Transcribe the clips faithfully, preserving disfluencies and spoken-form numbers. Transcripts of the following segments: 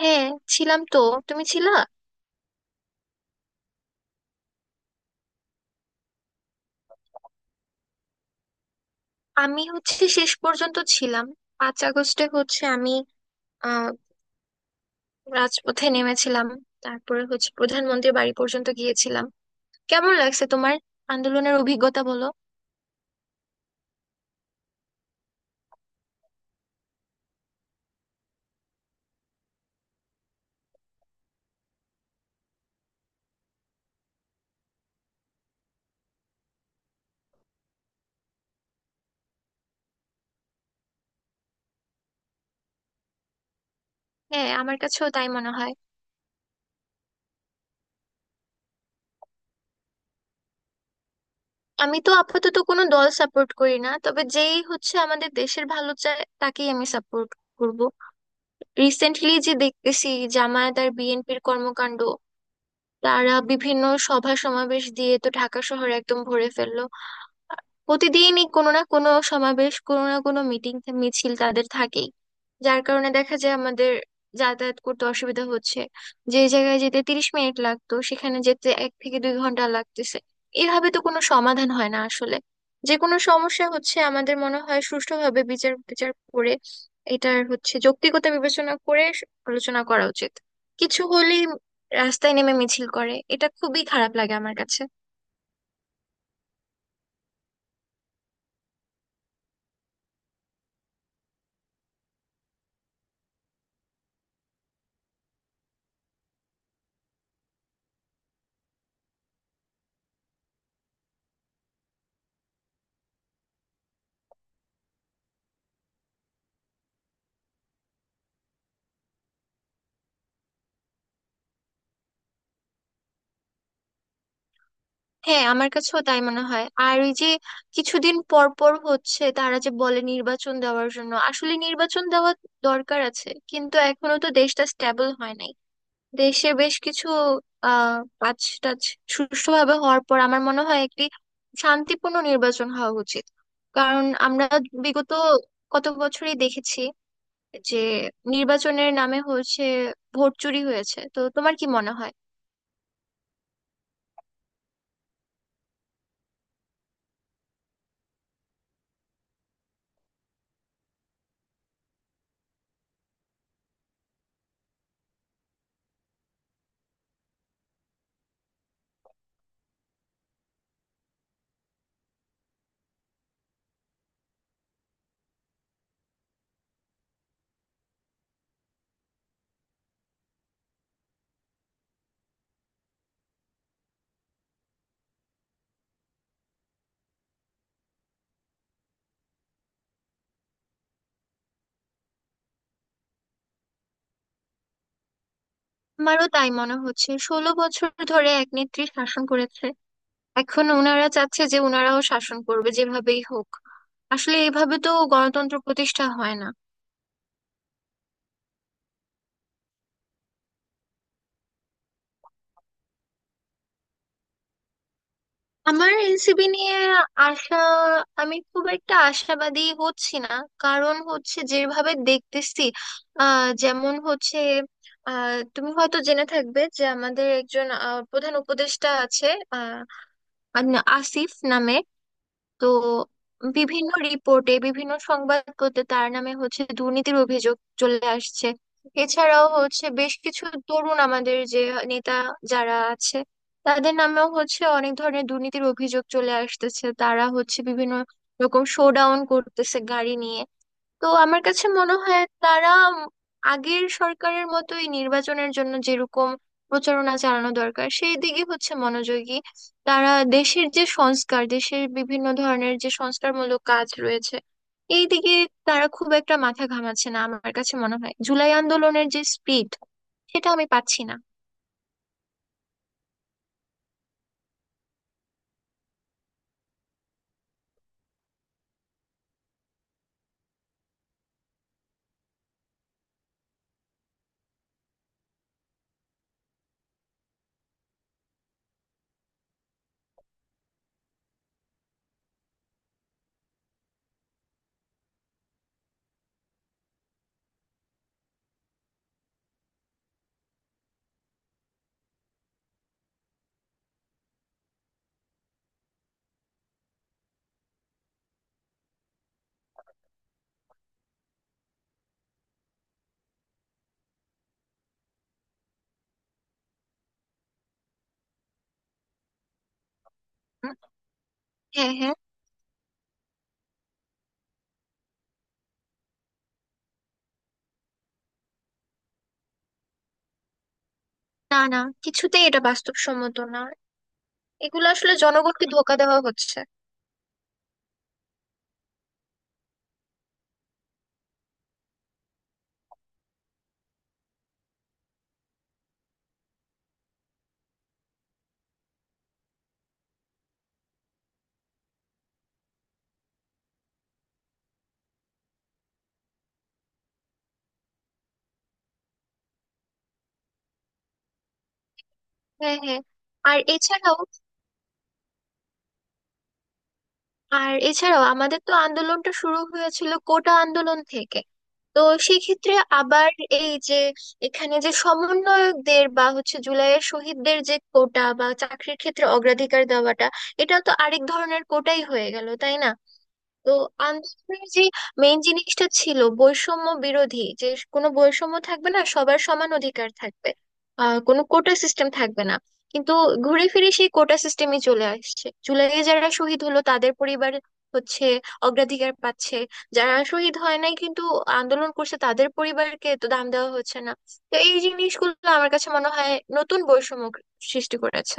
হ্যাঁ, ছিলাম তো। তুমি ছিলা? আমি হচ্ছে শেষ পর্যন্ত ছিলাম। পাঁচ আগস্টে হচ্ছে আমি আহ রাজপথে নেমেছিলাম। তারপরে হচ্ছে প্রধানমন্ত্রীর বাড়ি পর্যন্ত গিয়েছিলাম। কেমন লাগছে তোমার আন্দোলনের অভিজ্ঞতা, বলো। হ্যাঁ, আমার কাছেও তাই মনে হয়। আমি তো আপাতত কোনো দল সাপোর্ট করি না, তবে যেই হচ্ছে আমাদের দেশের ভালো চায় তাকেই আমি সাপোর্ট করব। রিসেন্টলি যে দেখতেছি জামায়াত আর বিএনপির কর্মকাণ্ড, তারা বিভিন্ন সভা সমাবেশ দিয়ে তো ঢাকা শহর একদম ভরে ফেললো। প্রতিদিনই কোনো না কোনো সমাবেশ, কোনো না কোনো মিটিং মিছিল তাদের থাকেই। যার কারণে দেখা যায় আমাদের যাতায়াত করতে অসুবিধা হচ্ছে। যে জায়গায় যেতে তিরিশ মিনিট লাগতো সেখানে যেতে এক থেকে দুই ঘন্টা লাগতেছে। এভাবে তো কোনো সমাধান হয় না আসলে। যে কোনো সমস্যা হচ্ছে আমাদের মনে হয় সুষ্ঠুভাবে বিচার বিচার করে, এটার হচ্ছে যৌক্তিকতা বিবেচনা করে স- আলোচনা করা উচিত। কিছু হলেই রাস্তায় নেমে মিছিল করে, এটা খুবই খারাপ লাগে আমার কাছে। হ্যাঁ, আমার কাছেও তাই মনে হয়। আর ওই যে কিছুদিন পর পর হচ্ছে তারা যে বলে নির্বাচন দেওয়ার জন্য, আসলে নির্বাচন দেওয়া দরকার আছে, কিন্তু এখনো তো দেশটা স্টেবল হয় নাই। দেশে বেশ কিছু আহ কাজ টাজ সুষ্ঠুভাবে হওয়ার পর আমার মনে হয় একটি শান্তিপূর্ণ নির্বাচন হওয়া উচিত। কারণ আমরা বিগত কত বছরই দেখেছি যে নির্বাচনের নামে হচ্ছে ভোট চুরি হয়েছে। তো তোমার কি মনে হয়? আমারও তাই মনে হচ্ছে। ষোলো বছর ধরে এক নেত্রী শাসন করেছে, এখন ওনারা চাচ্ছে যে ওনারাও শাসন করবে যেভাবেই হোক। আসলে এভাবে তো গণতন্ত্র প্রতিষ্ঠা হয় না। আমার এনসিপি নিয়ে আশা, আমি খুব একটা আশাবাদী হচ্ছি না। কারণ হচ্ছে যেভাবে দেখতেছি, আহ যেমন হচ্ছে, আহ তুমি হয়তো জেনে থাকবে যে আমাদের একজন আহ, প্রধান উপদেষ্টা আছে আহ আন- আসিফ নামে। তো বিভিন্ন রিপোর্টে বিভিন্ন সংবাদপত্রে তার নামে হচ্ছে দুর্নীতির অভিযোগ চলে আসছে। এছাড়াও হচ্ছে বেশ কিছু তরুণ আমাদের যে নেতা যারা আছে, তাদের নামেও হচ্ছে অনেক ধরনের দুর্নীতির অভিযোগ চলে আসতেছে। তারা হচ্ছে বিভিন্ন রকম শোডাউন করতেছে গাড়ি নিয়ে। তো আমার কাছে মনে হয় তারা আগের সরকারের মতোই নির্বাচনের জন্য যেরকম প্রচারণা চালানো দরকার সেই দিকে হচ্ছে মনোযোগী। তারা দেশের যে সংস্কার, দেশের বিভিন্ন ধরনের যে সংস্কারমূলক কাজ রয়েছে এই দিকে তারা খুব একটা মাথা ঘামাচ্ছে না। আমার কাছে মনে হয় জুলাই আন্দোলনের যে স্পিড, সেটা আমি পাচ্ছি না। হুম। হ্যাঁ, হ্যাঁ। না, না, কিছুতেই এটা বাস্তবসম্মত না। এগুলো আসলে জনগণকে ধোকা দেওয়া হচ্ছে। হ্যাঁ, হ্যাঁ। আর এছাড়াও আর এছাড়াও আমাদের তো আন্দোলনটা শুরু হয়েছিল কোটা আন্দোলন থেকে। তো সেক্ষেত্রে আবার এই যে এখানে যে সমন্বয়কদের বা হচ্ছে জুলাইয়ের শহীদদের যে কোটা বা চাকরির ক্ষেত্রে অগ্রাধিকার দেওয়াটা, এটা তো আরেক ধরনের কোটাই হয়ে গেল, তাই না? তো আন্দোলনের যে মেইন জিনিসটা ছিল বৈষম্য বিরোধী, যে কোনো বৈষম্য থাকবে না, সবার সমান অধিকার থাকবে, আহ কোনো কোটা সিস্টেম থাকবে না। কিন্তু ঘুরে ফিরে সেই কোটা সিস্টেমই চলে আসছে। জুলাইয়ে যারা শহীদ হলো তাদের পরিবার হচ্ছে অগ্রাধিকার পাচ্ছে, যারা শহীদ হয় নাই কিন্তু আন্দোলন করছে তাদের পরিবারকে তো দাম দেওয়া হচ্ছে না। তো এই জিনিসগুলো আমার কাছে মনে হয় নতুন বৈষম্য সৃষ্টি করেছে।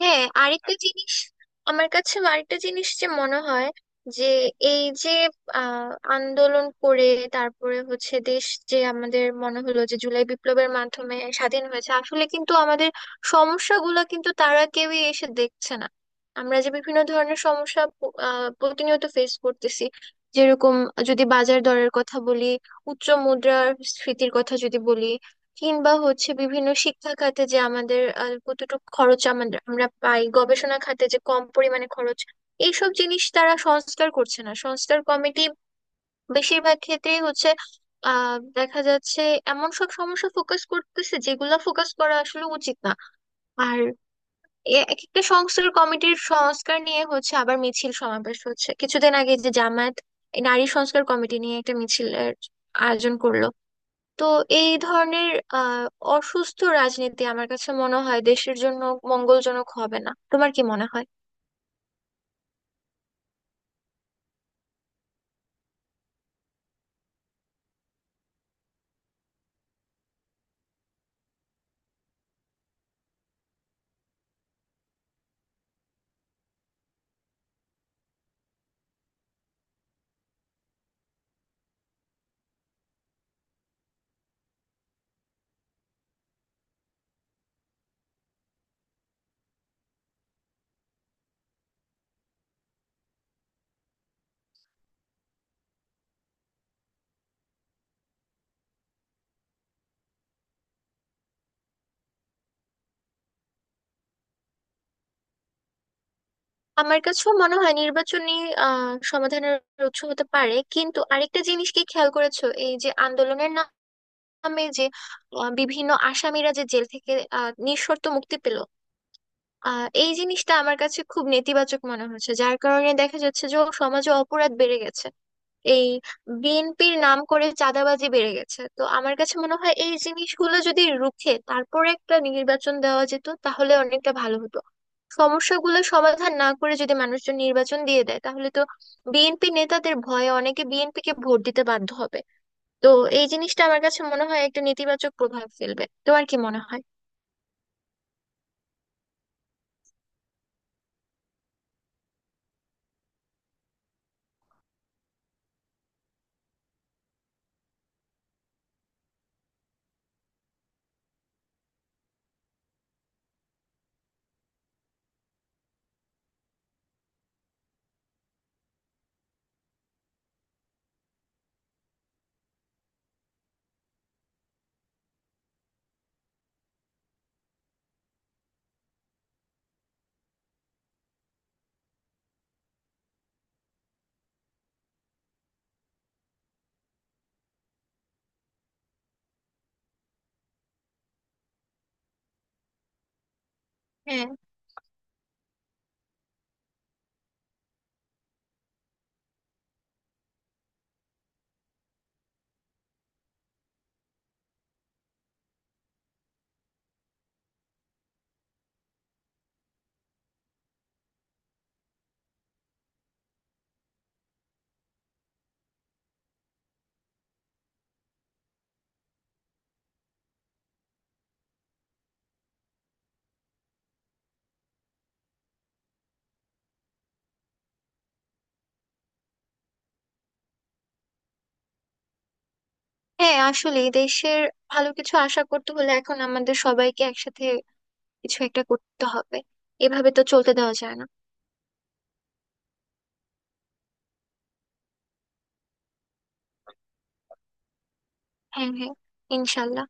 হ্যাঁ, আরেকটা জিনিস, আমার কাছে আরেকটা জিনিস যে মনে হয় যে এই যে আহ আন্দোলন করে তারপরে হচ্ছে দেশ, যে আমাদের মনে হলো যে জুলাই বিপ্লবের মাধ্যমে স্বাধীন হয়েছে, আসলে কিন্তু আমাদের সমস্যাগুলো কিন্তু তারা কেউই এসে দেখছে না। আমরা যে বিভিন্ন ধরনের সমস্যা প- আহ প্রতিনিয়ত ফেস করতেছি, যেরকম যদি বাজার দরের কথা বলি, উচ্চ মুদ্রাস্ফীতির কথা যদি বলি, কিংবা হচ্ছে বিভিন্ন শিক্ষা খাতে যে আমাদের আহ, কতটুকু খরচ আমাদের আমরা পাই, গবেষণা খাতে যে কম পরিমাণে খরচ। এইসব জিনিস তারা সংস্কার করছে না। সংস্কার কমিটি বেশিরভাগ ক্ষেত্রেই হচ্ছে আহ দেখা যাচ্ছে এমন সব সমস্যা ফোকাস করতেছে যেগুলা ফোকাস করা আসলে উচিত না। আর এ- এক একটা সংস্কার কমিটির সংস্কার নিয়ে হচ্ছে আবার মিছিল সমাবেশ হচ্ছে। কিছুদিন আগে যে জামায়াত নারী সংস্কার কমিটি নিয়ে একটা মিছিলের আয়োজন করলো, তো এই ধরনের আহ অসুস্থ রাজনীতি আমার কাছে মনে হয় দেশের জন্য মঙ্গলজনক হবে না। তোমার কি মনে হয়? আমার কাছেও মনে হয় নির্বাচনী আহ সমাধানের উৎস হতে পারে, কিন্তু আরেকটা জিনিস কি খেয়াল করেছো, এই যে আন্দোলনের নামে যে আহ, বিভিন্ন আসামিরা যে জেল থেকে আহ নিঃশর্ত মুক্তি পেল, আহ এই জিনিসটা আমার কাছে খুব নেতিবাচক মনে হচ্ছে। যার কারণে দেখা যাচ্ছে যে সমাজে অপরাধ বেড়ে গেছে, এই বিএনপির নাম করে চাঁদাবাজি বেড়ে গেছে। তো আমার কাছে মনে হয় এই জিনিসগুলো যদি রুখে তারপরে একটা নির্বাচন দেওয়া যেত তাহলে অনেকটা ভালো হতো। সমস্যাগুলো সমাধান না করে যদি মানুষজন নির্বাচন দিয়ে দেয় তাহলে তো বিএনপি নেতাদের ভয়ে অনেকে বিএনপি কে ভোট দিতে বাধ্য হবে। তো এই জিনিসটা আমার কাছে মনে হয় একটা নেতিবাচক প্রভাব ফেলবে। তোমার কি মনে হয়? হ্যাঁ, হ্যাঁ, আসলে দেশের ভালো কিছু আশা করতে হলে এখন আমাদের সবাইকে একসাথে কিছু একটা করতে হবে। এভাবে তো চলতে দেওয়া যায় না। হ্যাঁ, হ্যাঁ, ইনশাল্লাহ।